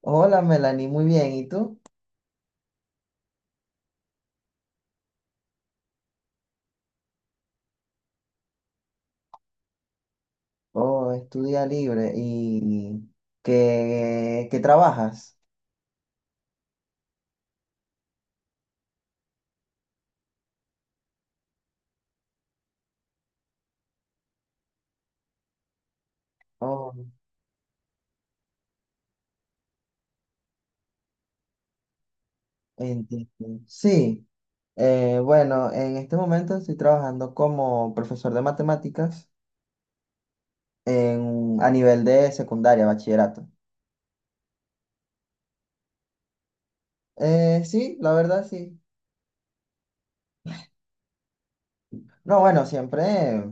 Hola Melanie, muy bien. ¿Y tú? Oh, estudia libre. ¿Y qué trabajas? Oh, entiendo. Sí, bueno, en este momento estoy trabajando como profesor de matemáticas en, a nivel de secundaria, bachillerato. Sí, la verdad sí. No, bueno,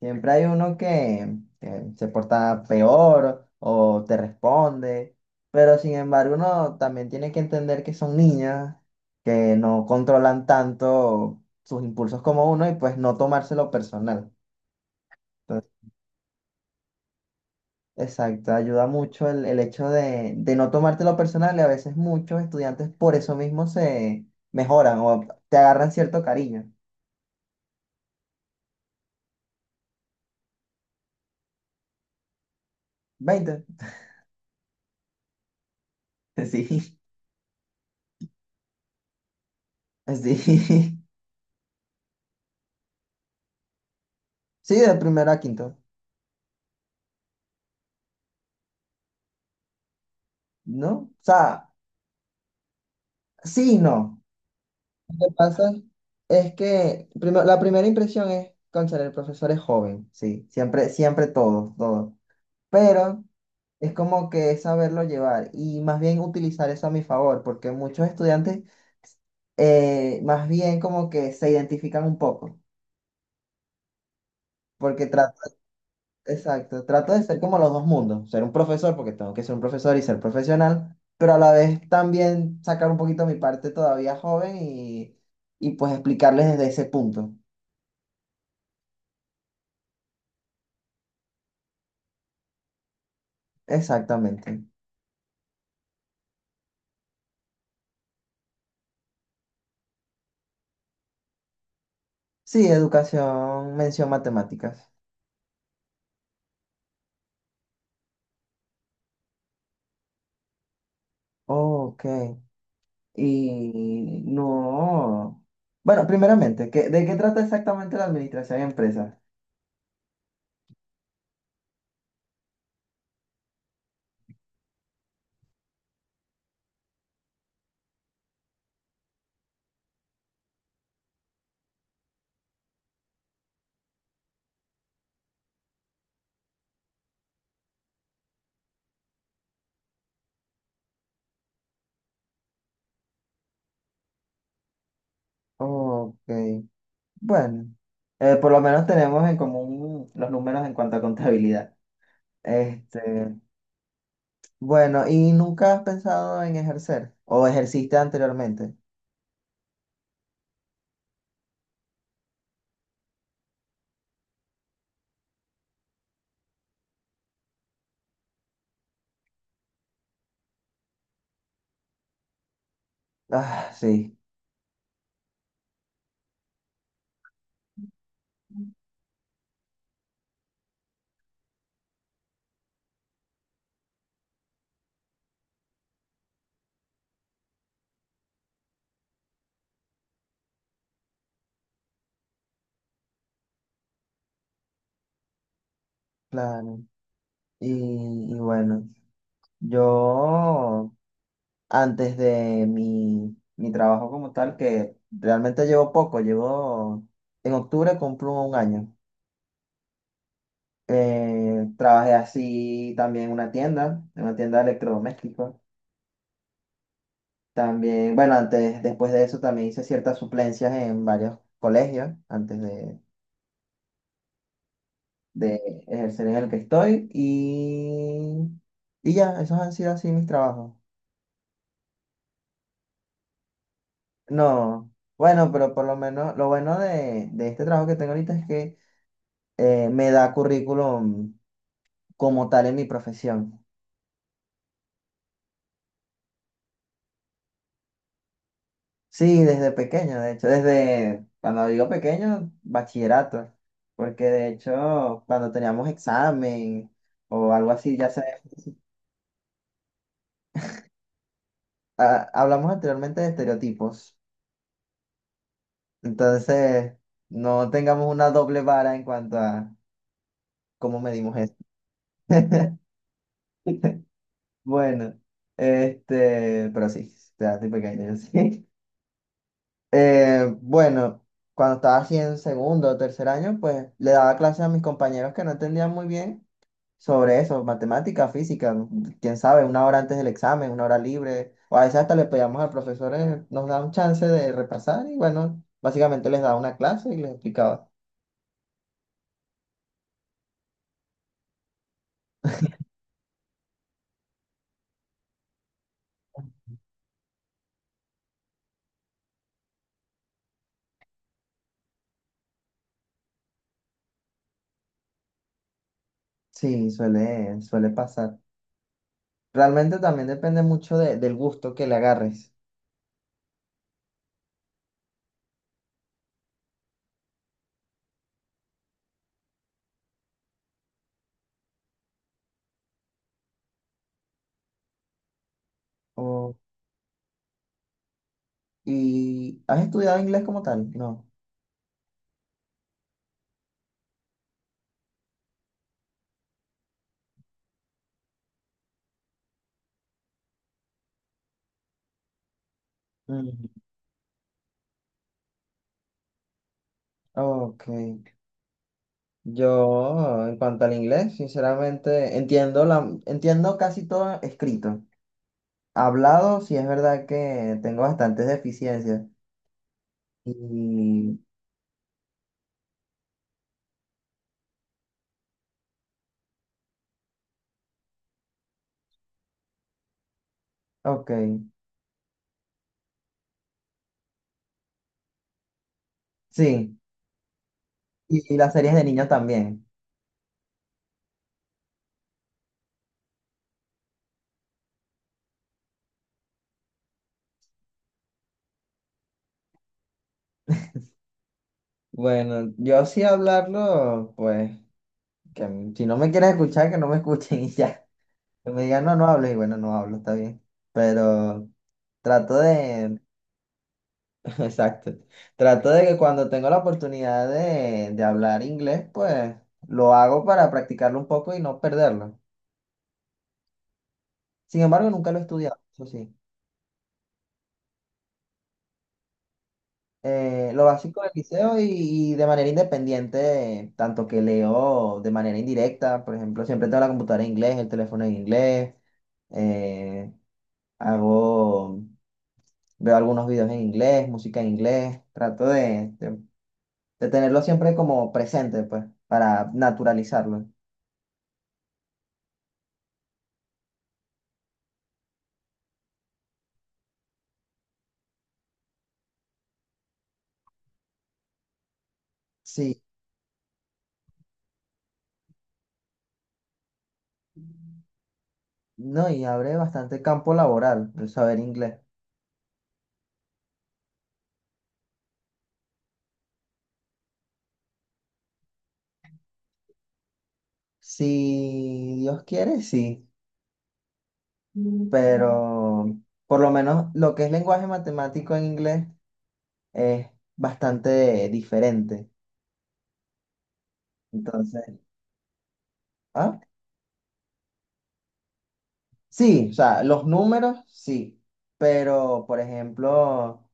siempre hay uno que se porta peor o te responde, pero sin embargo uno también tiene que entender que son niñas, que no controlan tanto sus impulsos como uno y pues no tomárselo personal. Entonces, exacto, ayuda mucho el hecho de no tomártelo personal y a veces muchos estudiantes por eso mismo se mejoran o te agarran cierto cariño. Veinte. Sí, sí. Sí, de primero a quinto. ¿No? O sea, sí y no. Lo que pasa es que la primera impresión es, cónchale, el profesor es joven, sí, siempre todos. Pero es como que es saberlo llevar y más bien utilizar eso a mi favor, porque muchos estudiantes más bien como que se identifican un poco, porque tratan exacto, trato de ser como los dos mundos, ser un profesor porque tengo que ser un profesor y ser profesional, pero a la vez también sacar un poquito mi parte todavía joven y pues explicarles desde ese punto. Exactamente. Sí, educación, mención matemáticas. Ok. Y no. Bueno, primeramente, ¿de qué trata exactamente la administración de empresas? Ok. Bueno, por lo menos tenemos en común los números en cuanto a contabilidad. Este, bueno, ¿y nunca has pensado en ejercer? ¿O ejerciste anteriormente? Ah, sí, claro. Y, y bueno, yo antes de mi trabajo como tal, que realmente llevo poco, llevo, en octubre cumplo un año. Trabajé así también en una tienda de electrodomésticos. También, bueno, antes, después de eso también hice ciertas suplencias en varios colegios, antes de ejercer en el que estoy y ya, esos han sido así mis trabajos. No, bueno, pero por lo menos lo bueno de este trabajo que tengo ahorita es que me da currículum como tal en mi profesión. Sí, desde pequeño, de hecho, desde, cuando digo pequeño, bachillerato, porque de hecho cuando teníamos examen o algo así, ya se, ah, hablamos anteriormente de estereotipos, entonces no tengamos una doble vara en cuanto a ¿cómo medimos esto? Bueno, este, pero sí, ya estoy pequeño, yo sí. Bueno, cuando estaba así en segundo o tercer año, pues le daba clases a mis compañeros que no entendían muy bien sobre eso, matemática, física, quién sabe, una hora antes del examen, una hora libre, o a veces hasta le pedíamos al profesor, nos da un chance de repasar y bueno, básicamente les daba una clase y les explicaba. Sí, suele pasar. Realmente también depende mucho del gusto que le agarres. ¿Y has estudiado inglés como tal? No. Mm, ok. Yo, en cuanto al inglés, sinceramente entiendo entiendo casi todo escrito. Hablado, sí es verdad que tengo bastantes deficiencias. Y, ok, sí. Y las series de niños también. Bueno, yo sí hablarlo, pues, que si no me quieren escuchar, que no me escuchen y ya. Que me digan, no, no hables, y bueno, no hablo, está bien. Pero trato de, exacto. Trato de que cuando tengo la oportunidad de hablar inglés, pues lo hago para practicarlo un poco y no perderlo. Sin embargo, nunca lo he estudiado, eso sí. Lo básico del liceo y de manera independiente, tanto que leo de manera indirecta, por ejemplo, siempre tengo la computadora en inglés, el teléfono en inglés, eh, hago, veo algunos videos en inglés, música en inglés, trato de tenerlo siempre como presente, pues, para naturalizarlo. Sí, no, y abre bastante campo laboral el saber inglés. Si Dios quiere, sí, pero por lo menos lo que es lenguaje matemático en inglés es bastante diferente. Entonces, ¿ah? Sí, o sea, los números, sí, pero por ejemplo,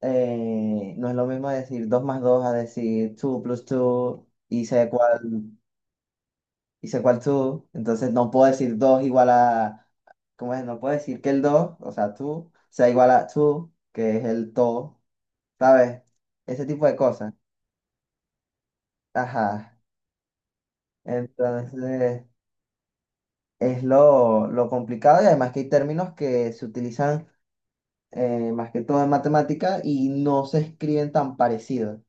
no es lo mismo decir 2 más 2 a decir 2 plus 2 y sé cuál y sé cuál tú, entonces no puedo decir 2 igual a, ¿cómo es? No puedo decir que el 2 o sea, tú, sea igual a tú, que es el to, ¿sabes? Ese tipo de cosas. Ajá. Entonces, es lo complicado y además que hay términos que se utilizan más que todo en matemática y no se escriben tan parecidos.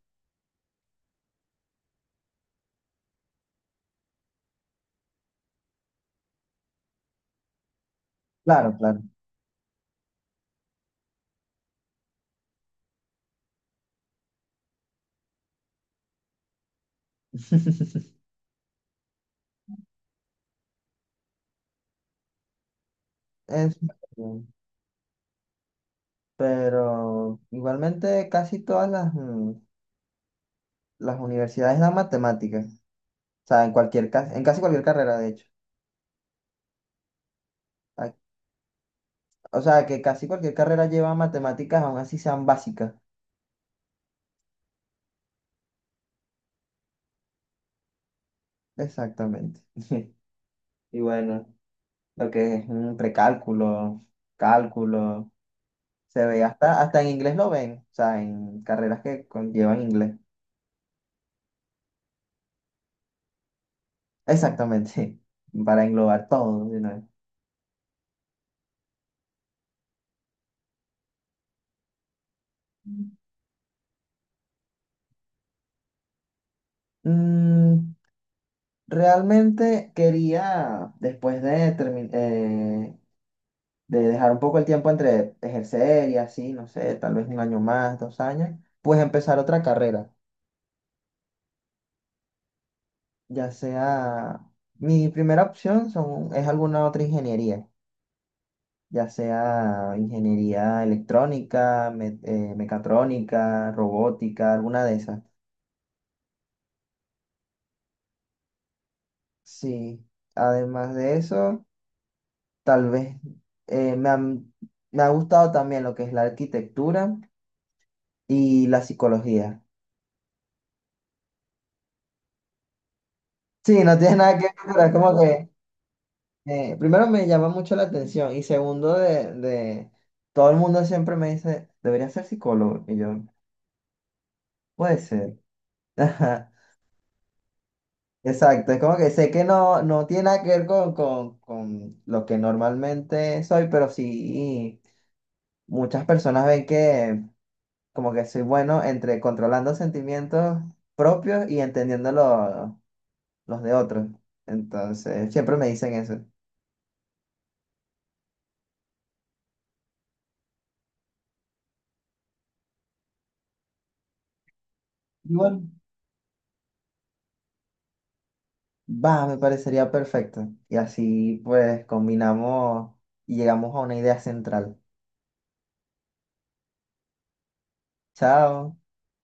Claro, claro. Es- pero igualmente casi todas las, mm, las universidades dan matemáticas. O sea, en en casi cualquier carrera, de hecho. A- O sea, que casi cualquier carrera lleva matemáticas, aun así sean básicas. Exactamente. Y bueno, lo que es un precálculo, cálculo, se ve hasta en inglés lo ven. O sea, en carreras que conllevan inglés. Exactamente. Para englobar todo de una vez. Mm, realmente quería, después de terminar, de dejar un poco el tiempo entre ejercer y así, no sé, tal vez un año más, dos años, pues empezar otra carrera, ya sea, mi primera opción es alguna otra ingeniería, ya sea ingeniería electrónica, mecatrónica, robótica, alguna de esas. Sí, además de eso, tal vez eh, me han- me ha gustado también lo que es la arquitectura y la psicología. Sí, no tiene nada que ver, pero es como que... Primero me llama mucho la atención y segundo de todo el mundo siempre me dice, debería ser psicólogo. Y yo, puede ser. Ajá, exacto, es como que sé que no, no tiene nada que ver con lo que normalmente soy, pero sí muchas personas ven que como que soy bueno entre controlando sentimientos propios y entendiendo los de otros. Entonces, siempre me dicen eso. Igual. Va, me parecería perfecto. Y así pues combinamos y llegamos a una idea central. Chao.